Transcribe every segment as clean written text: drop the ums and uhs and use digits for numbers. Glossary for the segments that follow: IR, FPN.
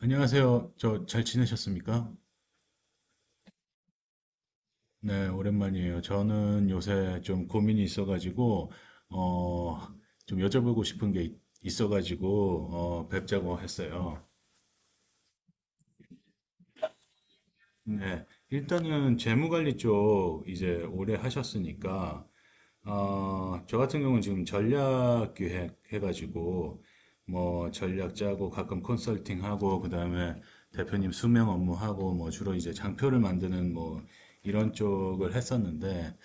안녕하세요. 저 잘 지내셨습니까? 네, 오랜만이에요. 저는 요새 좀 고민이 있어가지고, 어, 좀 여쭤보고 싶은 게 있어가지고, 뵙자고 했어요. 네, 일단은 재무관리 쪽 이제 오래 하셨으니까, 저 같은 경우는 지금 전략 기획 해가지고, 뭐, 전략 짜고, 가끔 컨설팅하고, 그 다음에 대표님 수명 업무하고, 뭐, 주로 이제 장표를 만드는 뭐, 이런 쪽을 했었는데,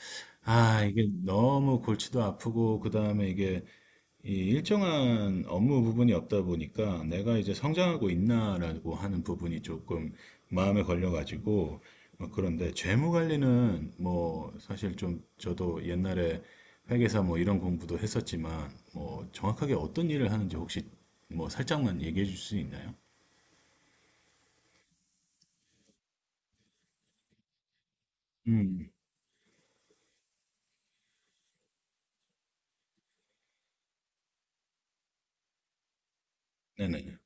아, 이게 너무 골치도 아프고, 그 다음에 이게 이 일정한 업무 부분이 없다 보니까 내가 이제 성장하고 있나라고 하는 부분이 조금 마음에 걸려가지고, 그런데 재무 관리는 뭐 사실 좀 저도 옛날에 회계사 뭐 이런 공부도 했었지만 뭐 정확하게 어떤 일을 하는지 혹시 뭐 살짝만 얘기해 줄 수 있나요? 음, 네네,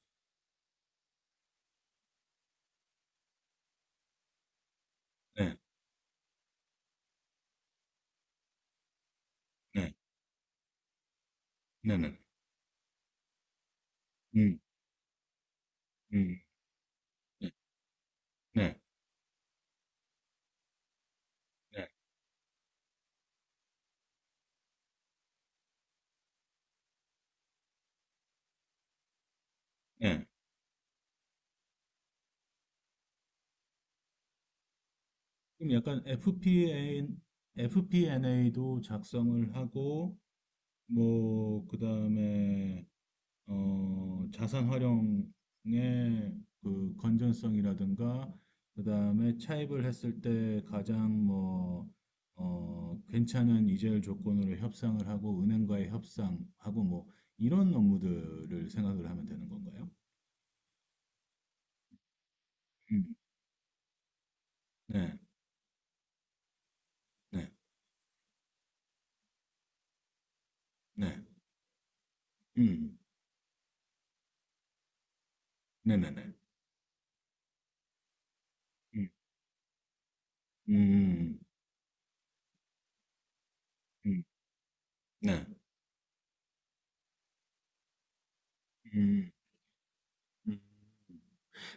네, 네, 네네, 음, 음, 네, 네, 네, 네. 그럼 약간 FPNA도 작성을 하고, 뭐, 그다음에 자산 활용의 그 건전성이라든가, 그다음에 차입을 했을 때 가장 뭐, 괜찮은 이자율 조건으로 협상을 하고, 은행과의 협상하고, 뭐 이런 업무들을 생각을 하면 되는 건가요? 음. 네. 네. 네. 음. 네네네. 음. 음. 음. 음. 네. 음. 음.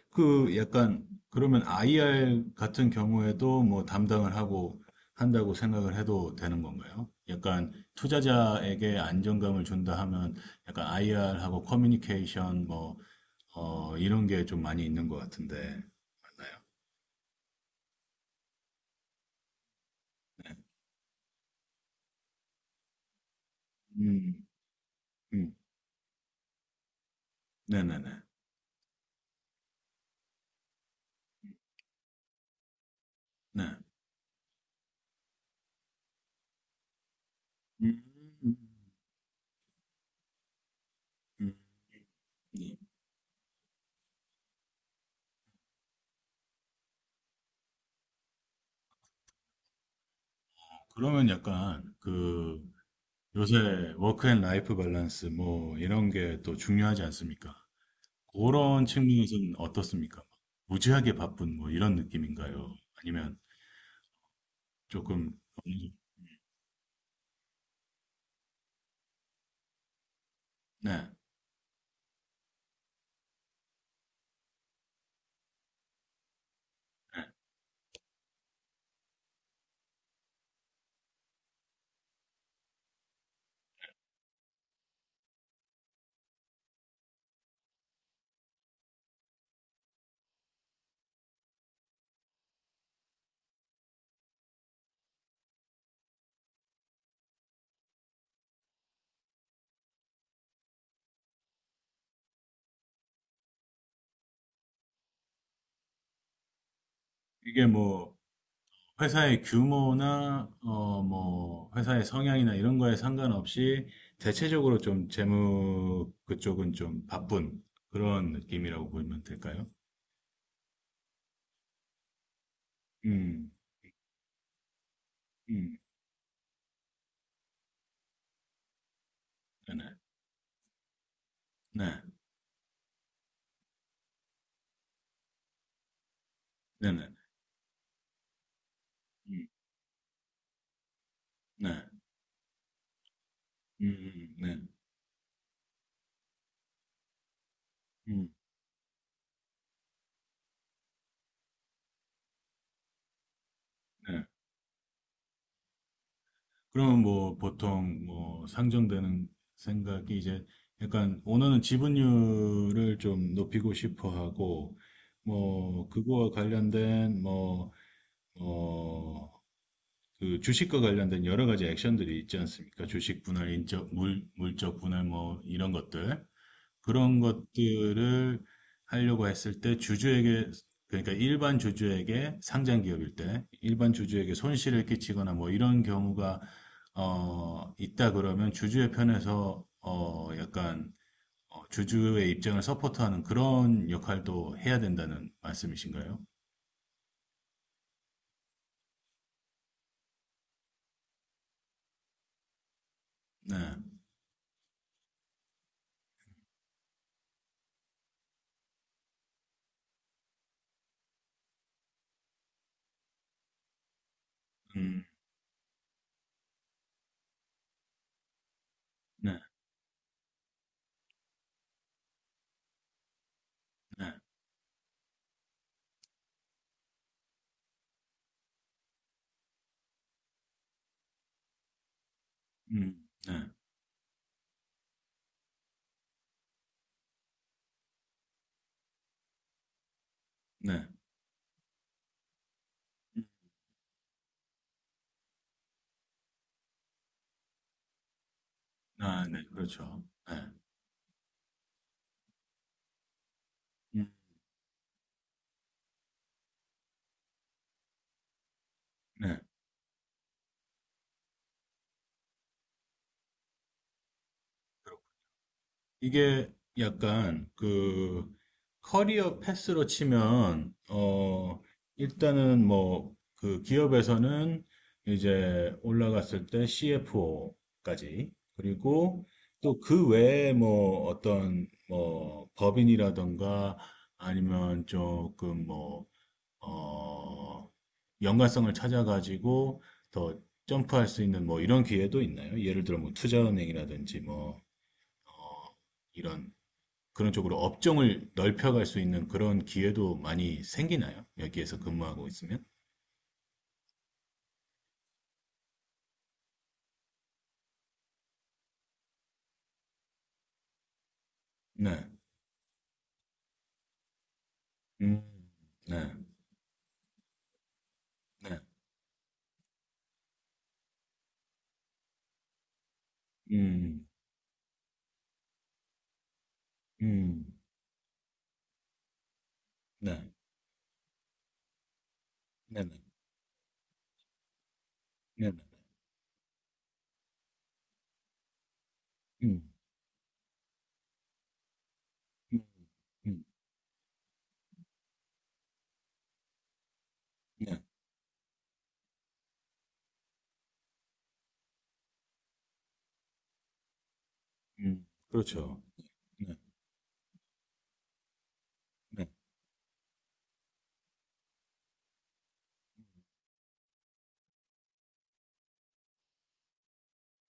그 약간 그러면 IR 같은 경우에도 뭐 담당을 하고 한다고 생각을 해도 되는 건가요? 약간 투자자에게 안정감을 준다 하면, 약간 IR하고 커뮤니케이션, 뭐, 이런 게 좀 많이 있는 것 같은데, 맞나요? 음, 음, 네네네, 네. 음, 음, 음. 예. 그러면 약간 그, 요새 워크앤라이프 밸런스 뭐 이런 게 또 중요하지 않습니까? 그런 측면에서는 어떻습니까? 무지하게 바쁜 뭐 이런 느낌인가요? 아니면 조금 어느 정도- 네. 이게 뭐, 회사의 규모나 뭐 회사의 성향이나 이런 거에 상관없이 대체적으로 좀 재무 그쪽은 좀 바쁜 그런 느낌이라고 보면 될까요? 음, 음, 네네, 네, 네네, 음, 네, 음, 네, 음, 네. 그러면 뭐, 보통 뭐 상정되는 생각이, 이제 약간 오너는 지분율을 좀 높이고 싶어 하고, 뭐 그거와 관련된 뭐어그 주식과 관련된 여러 가지 액션들이 있지 않습니까? 주식 분할, 인적, 물적 분할 뭐 이런 것들. 그런 것들을 하려고 했을 때 주주에게, 그러니까 일반 주주에게, 상장 기업일 때 일반 주주에게 손실을 끼치거나 뭐 이런 경우가 있다 그러면, 주주의 편에서 주주의 입장을 서포트하는 그런 역할도 해야 된다는 말씀이신가요? 네. 음. 네. 네. 음. 네. 네. 아, 네. 그렇죠. 네. 음. 네. 이게 약간 그 커리어 패스로 치면, 일단은 뭐 그 기업에서는 이제 올라갔을 때 CFO까지, 그리고 또 그 외에 뭐 어떤 뭐 법인이라던가 아니면 조금 뭐어 연관성을 찾아가지고 더 점프할 수 있는 뭐 이런 기회도 있나요? 예를 들어 뭐 투자은행이라든지 뭐, 이런 그런 쪽으로 업종을 넓혀갈 수 있는 그런 기회도 많이 생기나요? 여기에서 근무하고 있으면? 네. 음, 네. 네. 음, 음, 네. 네, 네. 네, 네. 음, 음, 음, 네. 그렇죠. 네. 네.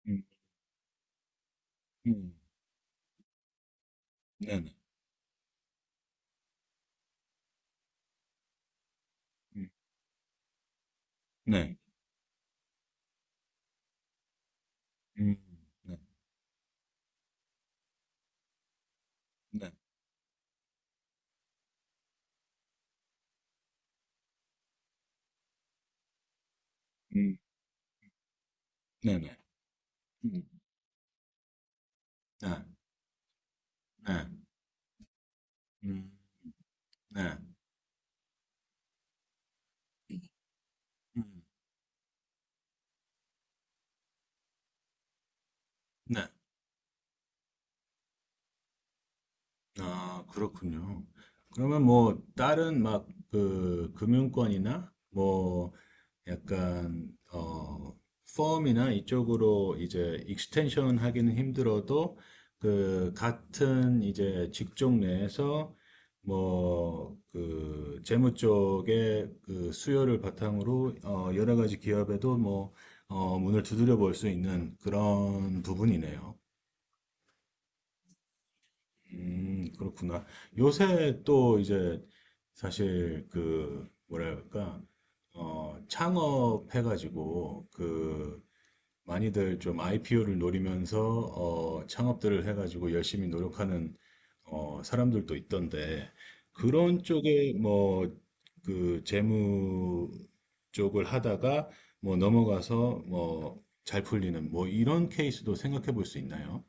음, 음, 네, 네. 음, 네. 음, 네. 네. 음, 네, 네. 음, 네. 네. 음, 네. 음, 네. 아, 그렇군요. 그러면 뭐, 다른 막 그 금융권이나 뭐, 약간 펌이나 이쪽으로 이제 익스텐션 하기는 힘들어도, 그 같은 이제 직종 내에서 뭐 그 재무 쪽의 그 수요를 바탕으로 여러 가지 기업에도 뭐 문을 두드려 볼 수 있는 그런 부분이네요. 그렇구나. 요새 또 이제, 사실 그 뭐랄까, 창업해가지고 그 많이들 좀 IPO를 노리면서, 창업들을 해가지고 열심히 노력하는, 사람들도 있던데, 그런 쪽에 뭐 그 재무 쪽을 하다가 뭐 넘어가서 뭐 잘 풀리는 뭐 이런 케이스도 생각해 볼 수 있나요?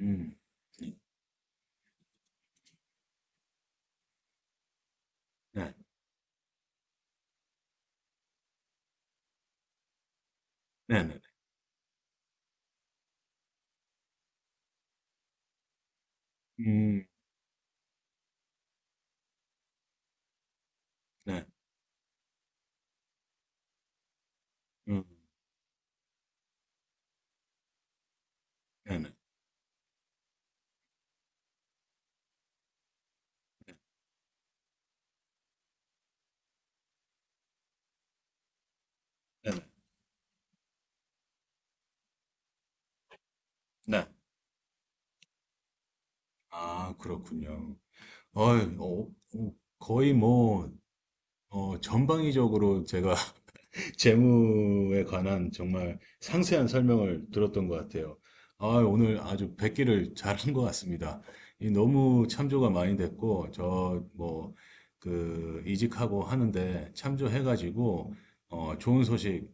음, 네, 네, 네. 네. 네. 음. 네네. 네네. 네. 아, 그렇군요. 어이, 어, 어, 거의 뭐, 전방위적으로 제가 재무에 관한 정말 상세한 설명을 들었던 것 같아요. 아, 오늘 아주 뵙기를 잘한 것 같습니다. 이 너무 참조가 많이 됐고, 저, 뭐, 그, 이직하고 하는데 참조해가지고, 좋은 소식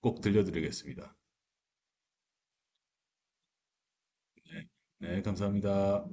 꼭 들려드리겠습니다. 네, 감사합니다.